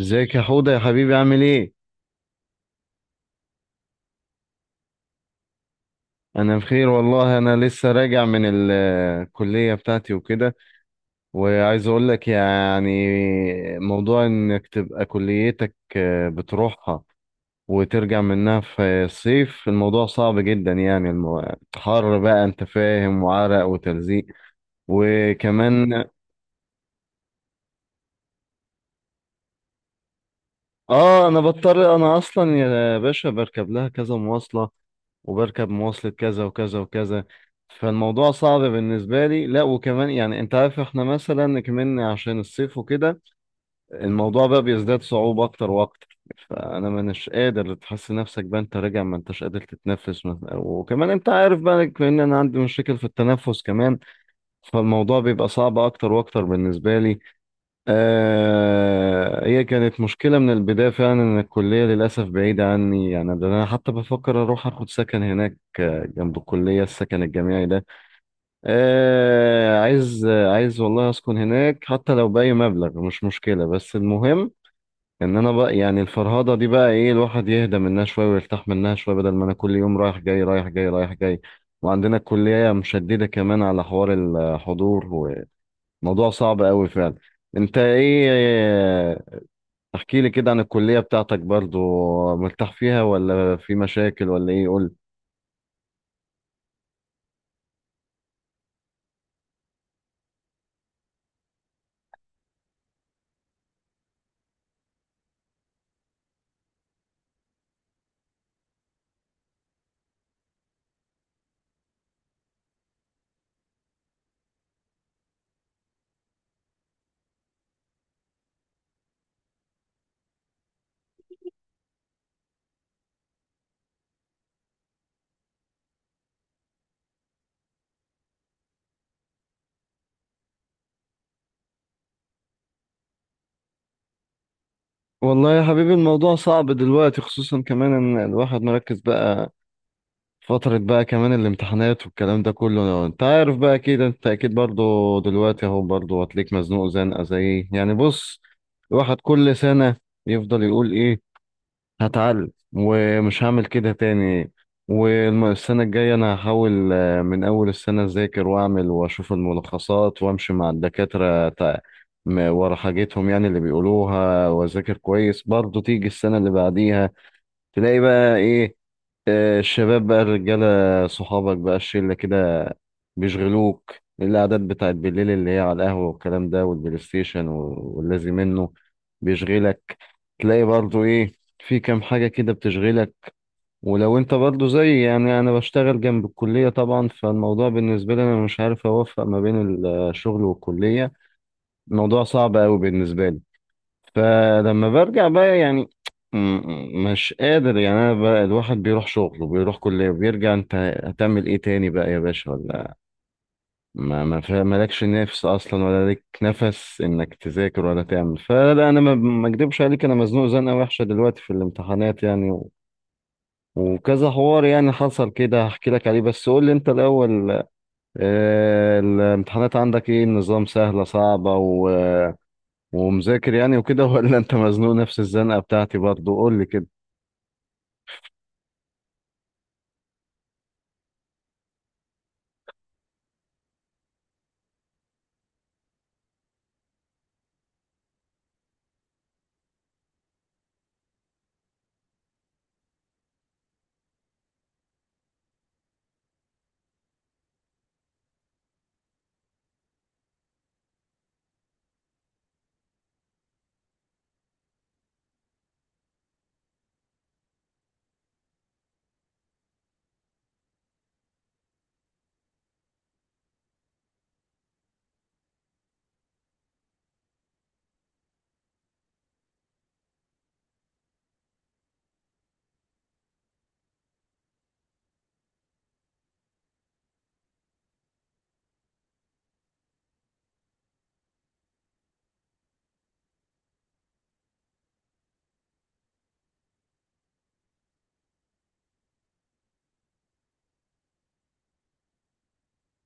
ازيك يا حوده يا حبيبي، عامل ايه؟ انا بخير والله، انا لسه راجع من الكليه بتاعتي وكده. وعايز اقول لك يعني موضوع انك تبقى كليتك بتروحها وترجع منها في الصيف، الموضوع صعب جدا يعني، حر بقى انت فاهم، وعرق وتلزيق وكمان. اه انا بضطر، انا اصلا يا باشا بركب لها كذا مواصلة، وبركب مواصلة كذا وكذا وكذا. فالموضوع صعب بالنسبة لي، لا وكمان يعني انت عارف احنا مثلا كمان عشان الصيف وكده، الموضوع بقى بيزداد صعوبة اكتر واكتر. فانا مانيش قادر، تحس نفسك بقى انت راجع ما انتش قادر تتنفس مثلا، وكمان انت عارف بقى ان انا عندي مشاكل في التنفس كمان. فالموضوع بيبقى صعب اكتر واكتر بالنسبة لي. هي كانت مشكلة من البداية فعلا، إن الكلية للأسف بعيدة عني يعني، ده أنا حتى بفكر أروح أخد سكن هناك جنب الكلية، السكن الجامعي ده. عايز والله أسكن هناك حتى لو بأي مبلغ، مش مشكلة بس المهم إن أنا بقى يعني، الفرهدة دي بقى إيه، الواحد يهدى منها شوية ويرتاح منها شوية، بدل ما أنا كل يوم رايح جاي رايح جاي رايح جاي. وعندنا الكلية مشددة كمان على حوار الحضور، وموضوع صعب أوي فعلا. انت ايه؟ احكي لي كده عن الكلية بتاعتك، برضو مرتاح فيها ولا في مشاكل ولا ايه؟ قول. والله يا حبيبي الموضوع صعب دلوقتي، خصوصا كمان ان الواحد مركز بقى فترة بقى، كمان الامتحانات والكلام ده كله، انت عارف بقى اكيد، انت اكيد برضو دلوقتي اهو برضو هتليك مزنوق زنقة زي إيه. يعني بص، الواحد كل سنة يفضل يقول ايه، هتعلم ومش هعمل كده تاني، والسنة الجاية أنا هحاول من أول السنة أذاكر وأعمل وأشوف الملخصات وأمشي مع الدكاترة ورا حاجتهم يعني اللي بيقولوها، وأذاكر كويس، برضه تيجي السنة اللي بعديها، تلاقي بقى إيه، الشباب بقى، الرجالة صحابك بقى، الشلة كده بيشغلوك. القعدات بتاعت بالليل اللي هي على القهوة والكلام ده والبلاي ستيشن واللازم منه بيشغلك، تلاقي برضه إيه، في كام حاجة كده بتشغلك. ولو انت برضو زي، يعني انا بشتغل جنب الكلية طبعا، فالموضوع بالنسبة لي انا مش عارف اوفق ما بين الشغل والكلية، الموضوع صعب قوي بالنسبة لي. فلما برجع بقى يعني، مش قادر يعني، انا بقى الواحد بيروح شغل وبيروح كلية وبيرجع، انت هتعمل ايه تاني بقى يا باشا ولا؟ ما ما فا- مالكش نفس اصلا ولا لك نفس انك تذاكر ولا تعمل، فلا انا ما اكدبش عليك، انا مزنوق زنقة وحشة دلوقتي في الامتحانات يعني، وكذا حوار يعني حصل كده هحكي لك عليه، بس قول لي انت الاول. الامتحانات عندك ايه النظام، سهلة صعبة ومذاكر يعني وكده ولا انت مزنوق نفس الزنقة بتاعتي برضو؟ قول لي كده.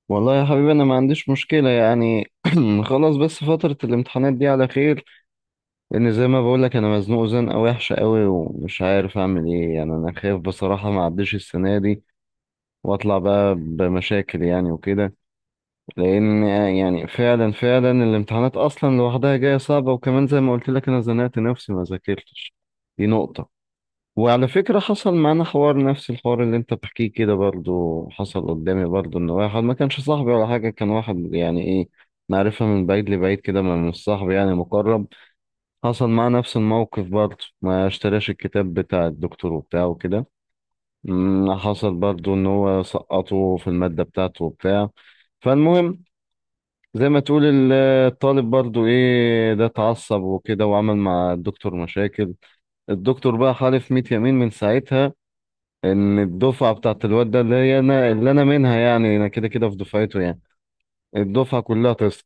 والله يا حبيبي انا ما عنديش مشكلة يعني، خلاص، بس فترة الامتحانات دي على خير، لان زي ما بقول لك انا مزنوق زنقة وحشة قوي، ومش عارف اعمل ايه يعني، انا خايف بصراحة ما اعديش السنة دي، واطلع بقى بمشاكل يعني وكده. لان يعني فعلا فعلا الامتحانات اصلا لوحدها جايه صعبه، وكمان زي ما قلت لك انا زنقت نفسي ما ذاكرتش، دي نقطه. وعلى فكره، حصل معانا حوار نفس الحوار اللي انت بتحكيه كده، برضو حصل قدامي برضو، ان واحد ما كانش صاحبي ولا حاجه، كان واحد يعني ايه، معرفه من بعيد لبعيد كده، ما مش صاحبي يعني مقرب. حصل معاه نفس الموقف برضو، ما اشتراش الكتاب بتاع الدكتور وبتاعه كده. حصل برضو ان هو سقطه في الماده بتاعته وبتاع، فالمهم زي ما تقول الطالب برضو ايه، ده اتعصب وكده وعمل مع الدكتور مشاكل. الدكتور بقى حالف 100 يمين من ساعتها ان الدفعة بتاعت الواد ده اللي هي انا، اللي انا منها يعني، انا كده كده في دفعته يعني، الدفعة كلها تسقط.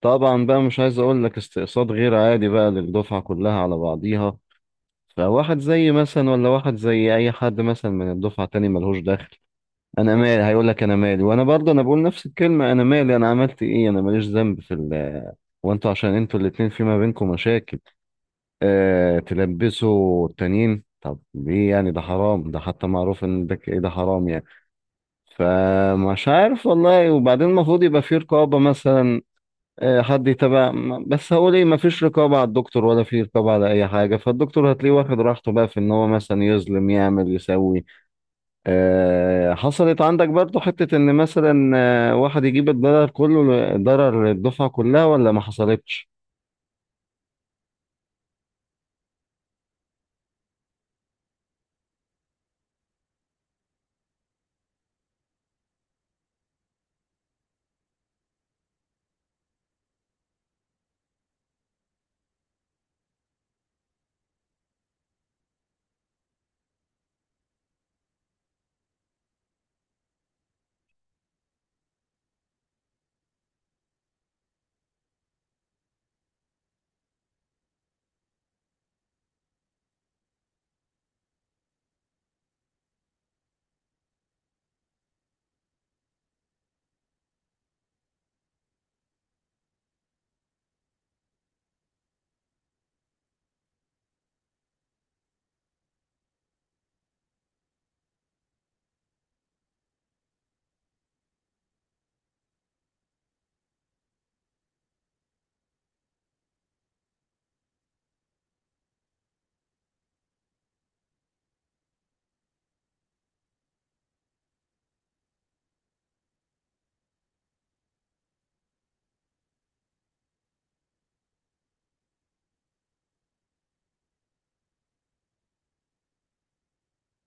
طبعا بقى مش عايز اقول لك، استقصاد غير عادي بقى للدفعة كلها على بعضيها، فواحد زي مثلا، ولا واحد زي اي حد مثلا من الدفعة تاني ملهوش دخل. انا مالي، هيقول لك انا مالي، وانا برضه انا بقول نفس الكلمه، انا مالي انا عملت ايه، انا ماليش ذنب في ال. وانتوا عشان انتوا الاتنين في ما بينكم مشاكل، تلبسوا التانيين، طب ليه يعني؟ ده حرام، ده حتى معروف ان ده إيه، ده حرام يعني. فمش عارف والله، وبعدين المفروض يبقى في رقابه مثلا، حد يتابع، بس هقول ايه، مفيش رقابه على الدكتور ولا في رقابه على اي حاجه، فالدكتور هتلاقيه واخد راحته بقى في ان هو مثلا يظلم يعمل يسوي. حصلت عندك برضو حتة ان مثلا واحد يجيب الضرر كله، ضرر الدفعة كلها ولا ما حصلتش؟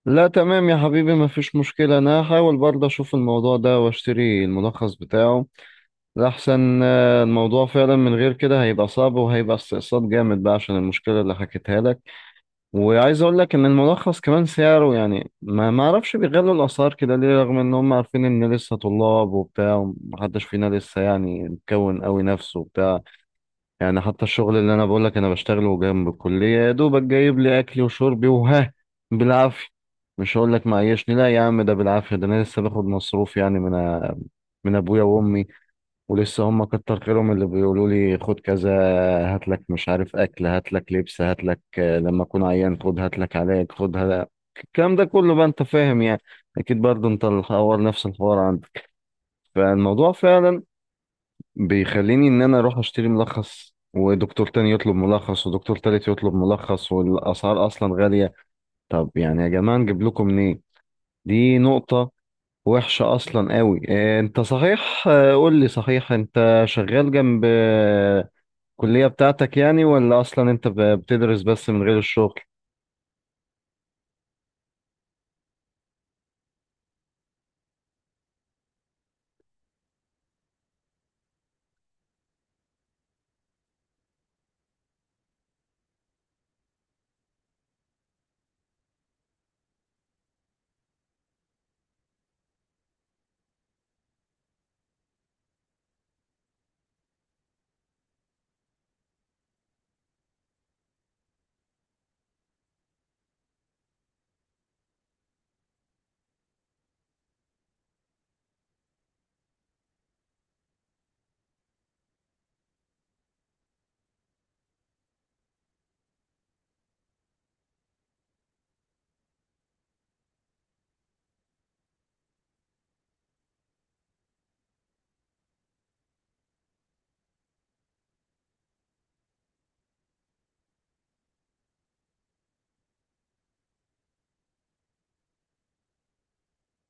لا تمام يا حبيبي ما فيش مشكلة، انا هحاول برضه اشوف الموضوع ده واشتري الملخص بتاعه، لأحسن الموضوع فعلا من غير كده هيبقى صعب، وهيبقى استقصاد جامد بقى عشان المشكلة اللي حكيتها لك. وعايز اقول لك ان الملخص كمان سعره يعني، ما اعرفش بيغلوا الاسعار كده ليه، رغم ان هم عارفين ان لسه طلاب وبتاع، ومحدش فينا لسه يعني مكون قوي نفسه وبتاع، يعني حتى الشغل اللي انا بقول لك انا بشتغله جنب الكليه، يا دوبك جايب لي اكلي وشربي وها بالعافيه. مش هقول لك معيشني لا يا عم، ده بالعافيه، ده انا لسه باخد مصروف يعني من ابويا وامي، ولسه هم كتر خيرهم اللي بيقولوا لي خد كذا، هات لك مش عارف اكل، هات لك لبس، هات لك لما اكون عيان خد، هات لك علاج، خد هات، الكلام ده كله بقى انت فاهم يعني. اكيد برضه انت الحوار نفس الحوار عندك، فالموضوع فعلا بيخليني ان انا اروح اشتري ملخص، ودكتور تاني يطلب ملخص، ودكتور تالت يطلب ملخص، والاسعار اصلا غالية. طب يعني يا جماعة نجيب لكم منين؟ دي نقطة وحشة اصلا قوي. انت صحيح، قول لي صحيح، انت شغال جنب الكلية بتاعتك يعني، ولا اصلا انت بتدرس بس من غير الشغل؟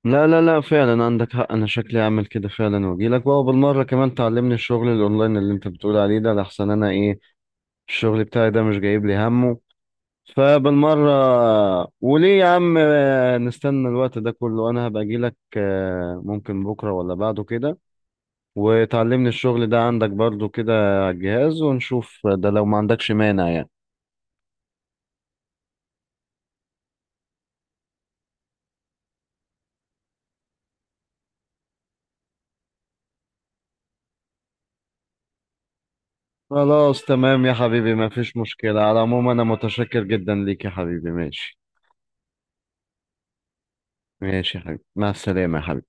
لا، لا، لا، فعلا عندك حق، انا شكلي اعمل كده فعلا، واجيلك بقى وبالمرة كمان تعلمني الشغل الاونلاين اللي انت بتقول عليه ده، لحسن انا ايه، الشغل بتاعي ده مش جايب لي همه، فبالمرة وليه يا عم نستنى الوقت ده كله، انا هبقى اجيلك، ممكن بكرة ولا بعده كده، وتعلمني الشغل ده عندك برضو كده على الجهاز ونشوف، ده لو ما عندكش مانع يعني. خلاص تمام يا حبيبي ما فيش مشكلة، على العموم انا متشكر جدا ليك يا حبيبي، ماشي. ماشي يا حبيبي، مع السلامة يا حبيبي.